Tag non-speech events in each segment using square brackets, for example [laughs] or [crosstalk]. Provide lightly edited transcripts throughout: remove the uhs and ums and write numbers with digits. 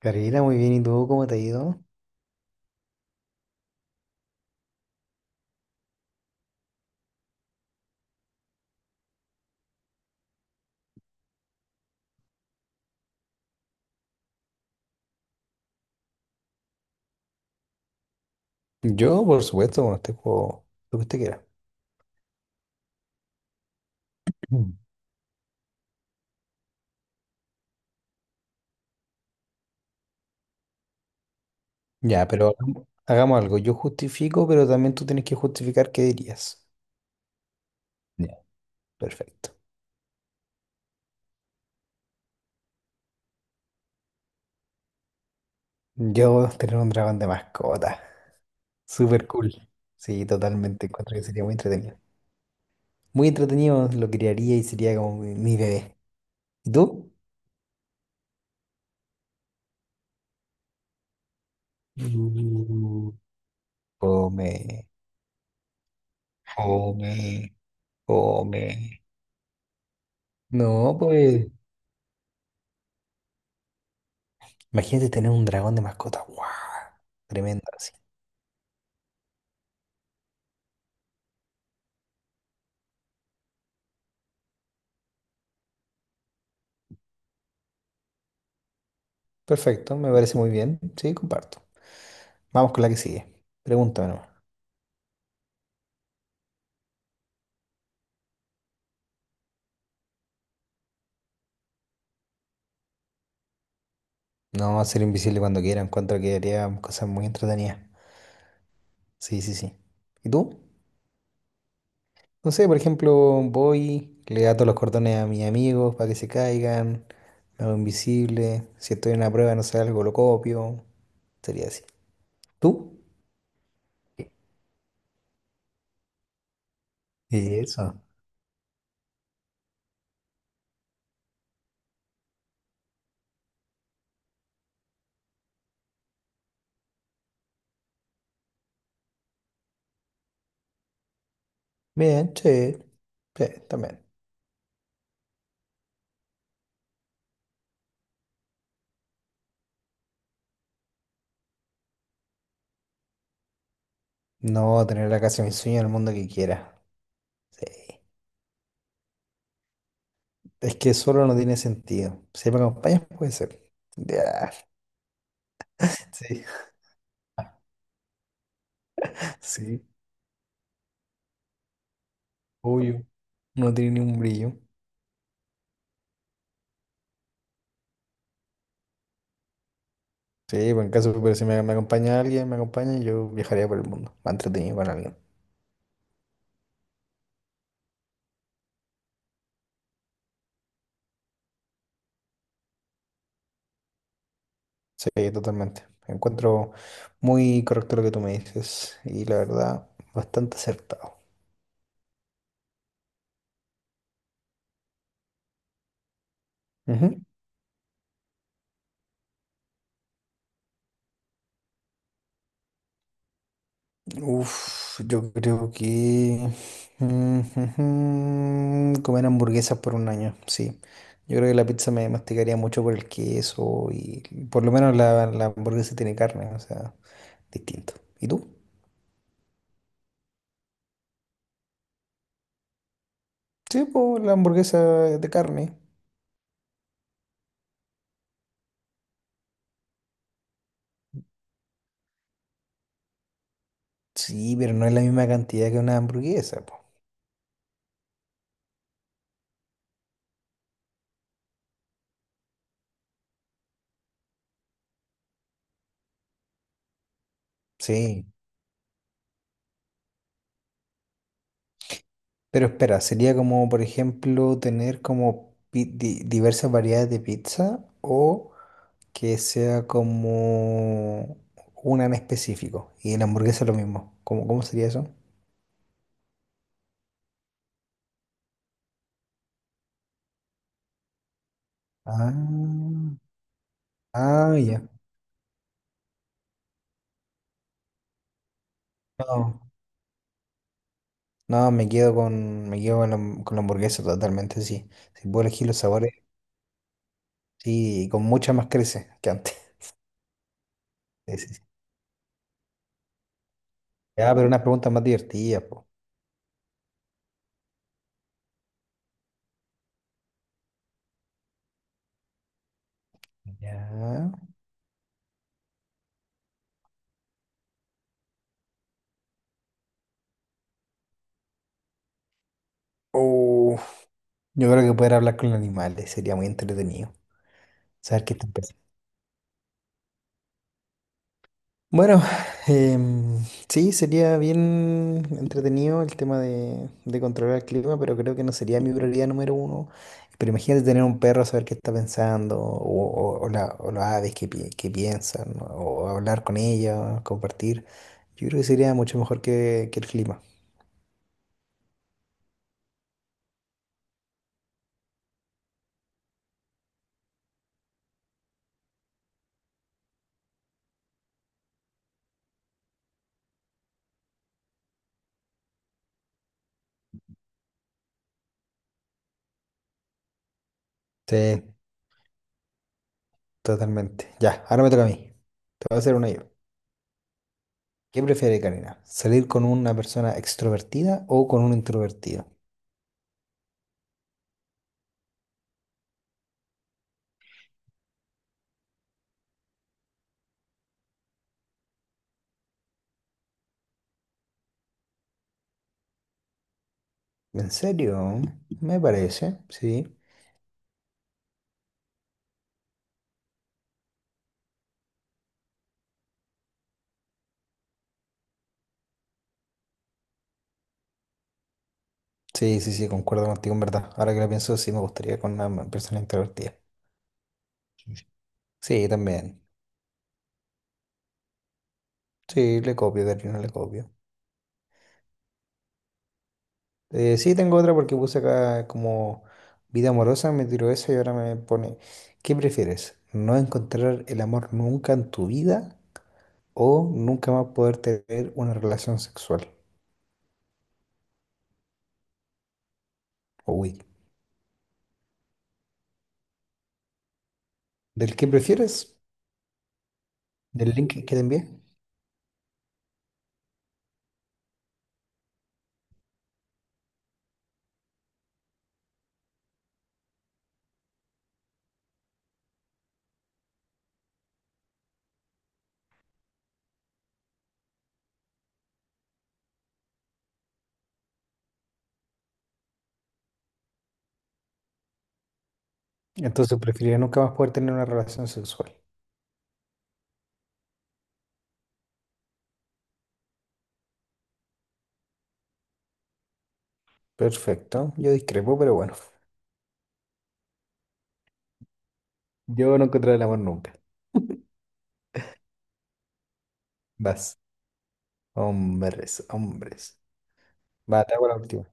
Karina, muy bien. ¿Y tú cómo te ha ido? Yo, por supuesto, bueno, este juego, lo que usted quiera. Mm. Ya, pero hagamos algo. Yo justifico, pero también tú tienes que justificar qué dirías. Ya. Perfecto. Yo tener un dragón de mascota. Súper cool. Sí, totalmente. Encuentro que sería muy entretenido. Muy entretenido, lo criaría y sería como mi bebé. ¿Y tú? Mm. Come, come, come. No, pues. Imagínate tener un dragón de mascota. ¡Wow! Tremendo, así. Perfecto, me parece muy bien. Sí, comparto. Vamos con la que sigue. Pregúntame nomás. No, ser invisible cuando quiera. Encuentro que haría cosas muy entretenidas. Sí, sí, sí. ¿Y tú? No sé, por ejemplo, voy, le ato los cordones a mis amigos para que se caigan. Me hago invisible. Si estoy en una prueba, no sé, algo lo copio. Sería así. ¿Tú? Y eso. Bien, che. Sí, también. No, tener la casa de mis sueños en el mundo que quiera. Sí. Es que solo no tiene sentido. Si me acompañas, puede ser. Ya, sí, [laughs] sí, obvio. No tiene ni un brillo. Sí, pues en caso, pero si me acompaña alguien, me acompaña, yo viajaría por el mundo, más entretenido con alguien. Sí, totalmente. Encuentro muy correcto lo que tú me dices y la verdad, bastante acertado. Ujú. Uf, yo creo que [laughs] comer hamburguesas por un año, sí. Yo creo que la pizza me masticaría mucho por el queso y por lo menos la hamburguesa tiene carne, o sea, distinto. ¿Y tú? Sí, pues la hamburguesa es de carne. Sí, pero no es la misma cantidad que una hamburguesa, po. Sí. Pero espera, sería como, por ejemplo, tener como diversas variedades de pizza o que sea como una en específico. Y en la hamburguesa lo mismo. ¿Cómo, cómo sería eso? Ah, ah, ya. No, no, me quedo con la, con la hamburguesa totalmente, sí. Si puedo elegir los sabores, sí, y con mucha más crece que antes. [laughs] Sí, sí, sí. Ya, pero unas preguntas más divertidas, po. Ya. Uf, yo creo que poder hablar con los animales sería muy entretenido. ¿Sabes qué están? Bueno, em, sí, sería bien entretenido el tema de controlar el clima, pero creo que no sería mi prioridad número uno. Pero imagínate tener un perro, saber qué está pensando, o, o las aves que, que piensan, o hablar con ellas, compartir. Yo creo que sería mucho mejor que el clima. Sí, totalmente. Ya, ahora me toca a mí. Te voy a hacer una yo. ¿Qué prefiere, Karina? ¿Salir con una persona extrovertida o con un introvertido? ¿En serio? Me parece, sí. Sí, sí, sí, concuerdo contigo, en verdad. Ahora que lo pienso, sí me gustaría con una persona introvertida. Sí, también. Sí, le copio, de no le copio. Sí, tengo otra porque puse acá como vida amorosa, me tiró esa y ahora me pone, ¿qué prefieres? ¿No encontrar el amor nunca en tu vida o nunca más poder tener una relación sexual? Uy, ¿del qué prefieres? ¿Del link que te envié? Entonces preferiría nunca más poder tener una relación sexual. Perfecto, yo discrepo, pero bueno. Yo no encontré el amor nunca. Vas. Hombres, hombres. Va, te hago la última.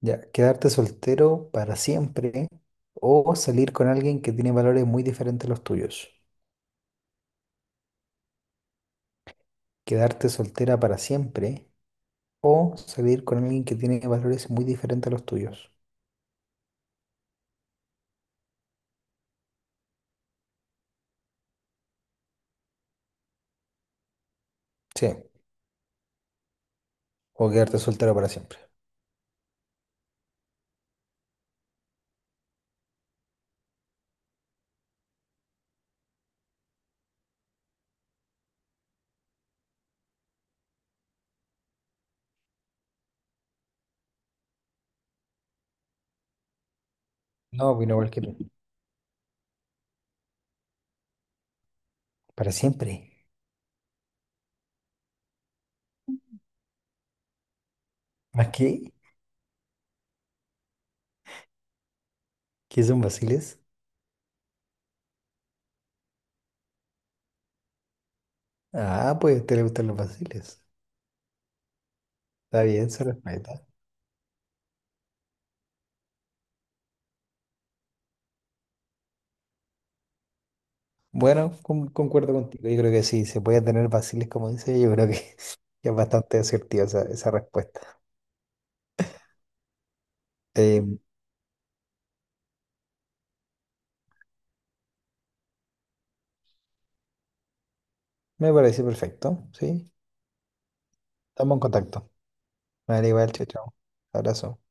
Ya, quedarte soltero para siempre o salir con alguien que tiene valores muy diferentes a los tuyos. Quedarte soltera para siempre o salir con alguien que tiene valores muy diferentes a los tuyos. Sí, o quedarte soltero para siempre. No, vino cualquier. Para siempre. ¿A qué? ¿Qué son vaciles? Ah, pues a usted le gustan los vaciles. Está bien, se respeta. Bueno, concuerdo contigo. Yo creo que sí, se puede tener vaciles, como dice. Yo creo que [laughs] es bastante asertiva esa respuesta. Eh, me parece perfecto, ¿sí? Estamos en contacto. Vale, igual, chao, chao. Abrazo.